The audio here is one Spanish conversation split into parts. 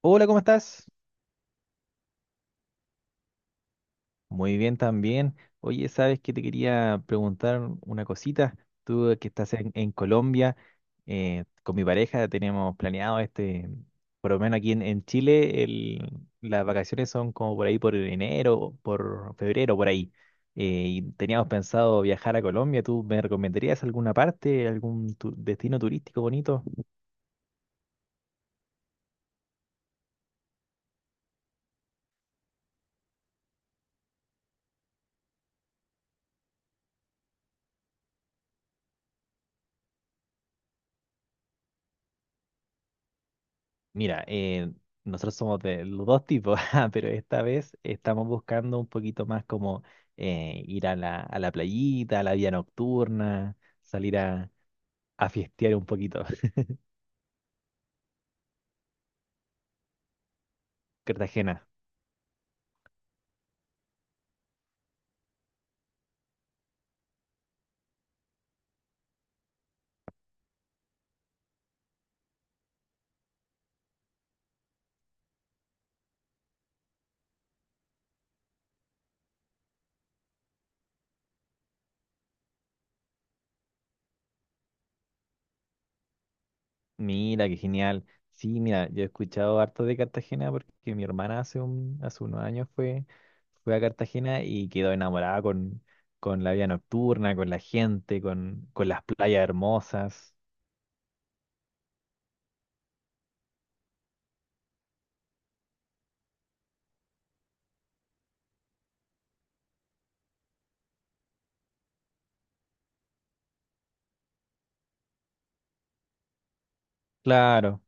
Hola, ¿cómo estás? Muy bien también. Oye, sabes que te quería preguntar una cosita. Tú que estás en Colombia, con mi pareja tenemos planeado por lo menos aquí en Chile, las vacaciones son como por ahí por enero, por febrero, por ahí. Y teníamos pensado viajar a Colombia. ¿Tú me recomendarías alguna parte, algún destino turístico bonito? Mira, nosotros somos de los dos tipos, ah, pero esta vez estamos buscando un poquito más como ir a la playita, a la vida nocturna, salir a fiestear un poquito. Cartagena, mira, qué genial. Sí, mira, yo he escuchado harto de Cartagena porque mi hermana hace unos años fue, fue a Cartagena y quedó enamorada con la vida nocturna, con la gente, con las playas hermosas. Claro.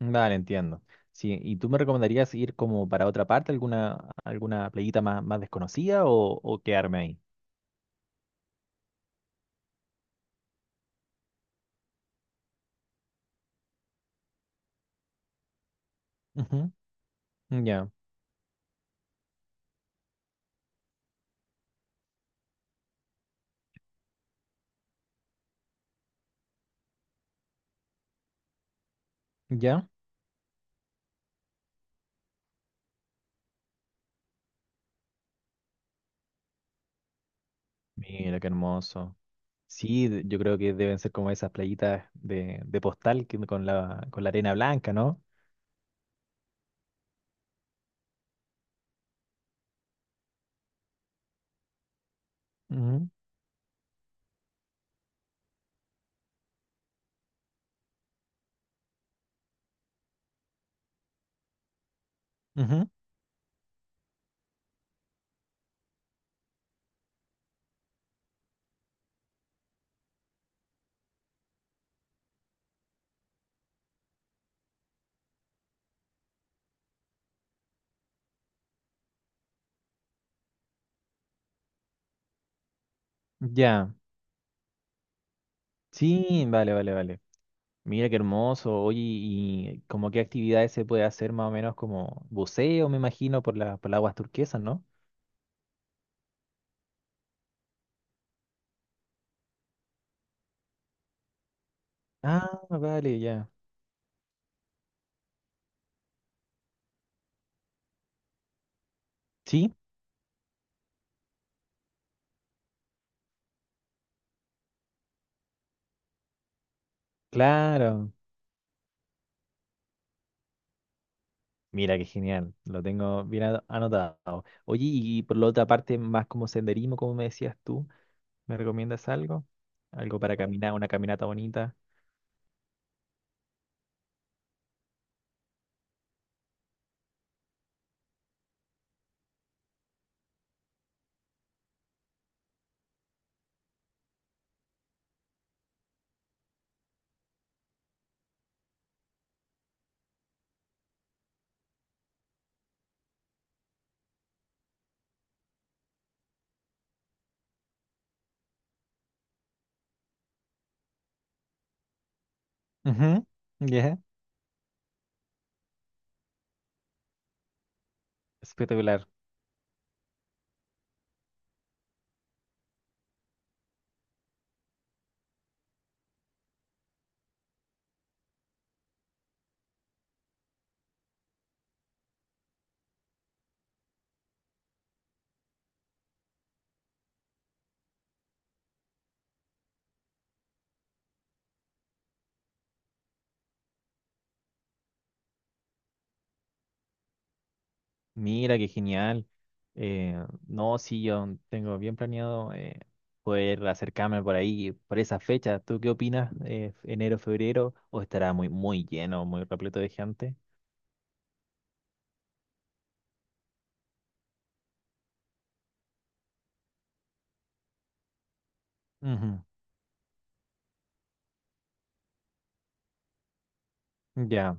Vale, entiendo. Sí, ¿y tú me recomendarías ir como para otra parte, alguna playita más desconocida o quedarme ahí? Ujú, ya, ya. Mira, qué hermoso. Sí, yo creo que deben ser como esas playitas de postal con con la arena blanca, ¿no? Ujú, ujú, ya. Sí, vale, vale, vale. Mira, qué hermoso. Oye, ¿y como qué actividades se puede hacer más o menos como buceo, me imagino, por por las aguas turquesas, ¿no? Ah, vale, ya. Sí. Claro, mira qué genial, lo tengo bien anotado. Oye, y por la otra parte, más como senderismo, como me decías tú, ¿me recomiendas algo? Algo para caminar, una caminata bonita. Ujú, ya. Espectacular, mira qué genial. Eh, no, sí, yo tengo bien planeado poder acercarme por ahí, por esa fecha. ¿Tú qué opinas? ¿Enero, febrero? ¿O estará muy, muy lleno, muy repleto de gente? Ujú, ya,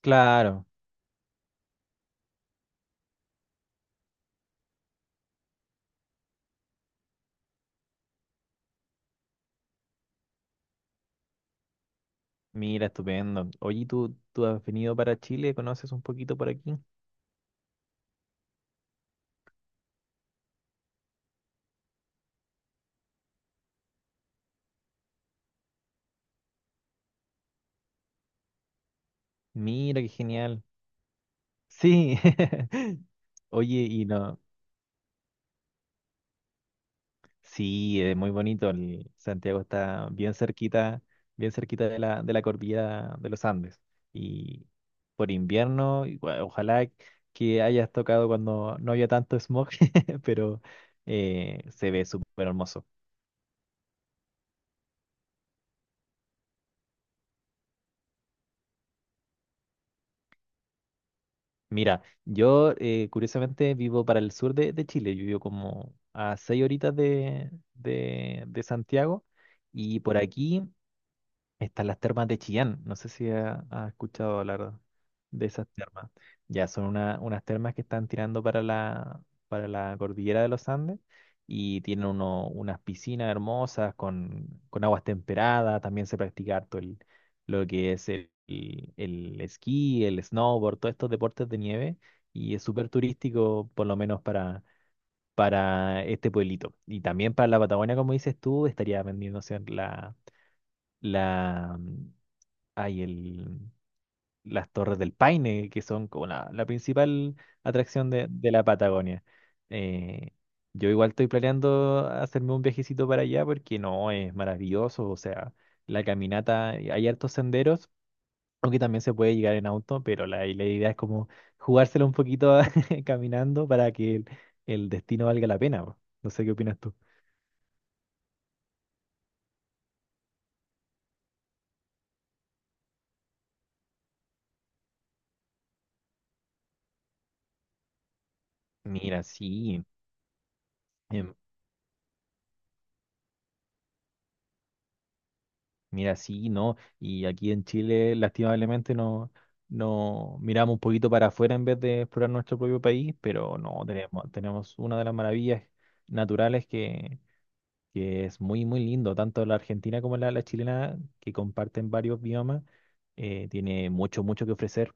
claro. Mira, estupendo. Oye, ¿tú has venido para Chile? ¿Conoces un poquito por aquí? Mira, qué genial. Sí. Oye, y no. Sí, es muy bonito. El Santiago está bien cerquita de de la cordillera de los Andes. Y por invierno, ojalá que hayas tocado cuando no haya tanto smog, pero se ve súper hermoso. Mira, yo curiosamente vivo para el sur de Chile, yo vivo como a seis horitas de Santiago y por aquí están las termas de Chillán. No sé si ha, ha escuchado hablar de esas termas. Ya son unas termas que están tirando para para la cordillera de los Andes y tienen unas piscinas hermosas con aguas temperadas. También se practica harto lo que es el esquí, el snowboard, todos estos deportes de nieve y es súper turístico, por lo menos para este pueblito. Y también para la Patagonia, como dices tú, estaría vendiéndose la hay el, las Torres del Paine, que son como la principal atracción de la Patagonia. Eh, yo igual estoy planeando hacerme un viajecito para allá porque no, es maravilloso. O sea, la caminata, hay hartos senderos, aunque también se puede llegar en auto, pero la idea es como jugárselo un poquito caminando para que el destino valga la pena. Po. No sé qué opinas tú. Mira, sí. em, Mira, sí, ¿no? Y aquí en Chile, lastimablemente, no, no miramos un poquito para afuera en vez de explorar nuestro propio país, pero no, tenemos una de las maravillas naturales que es muy, muy lindo, tanto la argentina como la chilena, que comparten varios biomas, tiene mucho, mucho que ofrecer.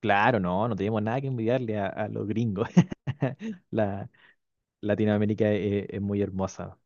Claro, no, no tenemos nada que envidiarle a los gringos. La, Latinoamérica es muy hermosa.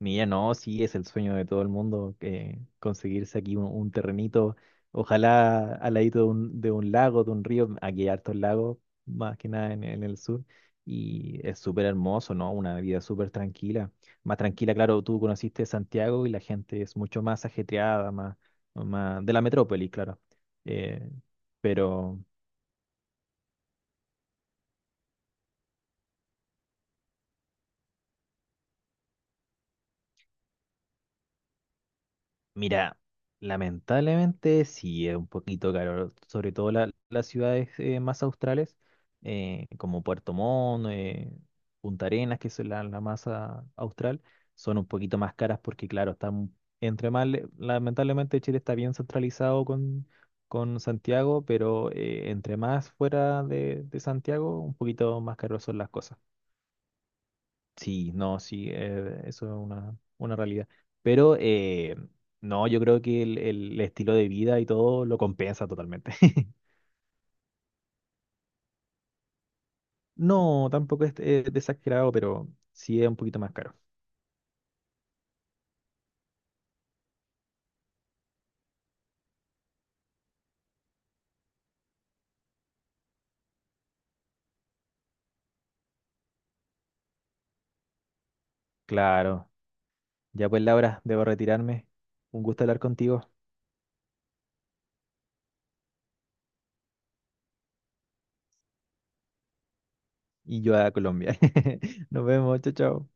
Mira, no, sí, es el sueño de todo el mundo que conseguirse aquí un terrenito, ojalá al ladito de de un lago, de un río, aquí hay hartos lagos, más que nada en el sur, y es súper hermoso, ¿no? Una vida súper tranquila, más tranquila, claro, tú conociste Santiago y la gente es mucho más ajetreada, más, más de la metrópoli, claro. Eh, pero... Mira, lamentablemente sí es un poquito caro, sobre todo las ciudades más australes, como Puerto Montt, Punta Arenas, que es la más ah, austral, son un poquito más caras porque, claro, están lamentablemente Chile está bien centralizado con Santiago, pero entre más fuera de Santiago, un poquito más caros son las cosas. Sí, no, sí, eso es una realidad. Pero no, yo creo que el estilo de vida y todo lo compensa totalmente. No, tampoco es desesperado, pero sí es un poquito más caro. Claro, ya pues Laura, debo retirarme. Un gusto hablar contigo y yo a Colombia. Nos vemos, chao, chao.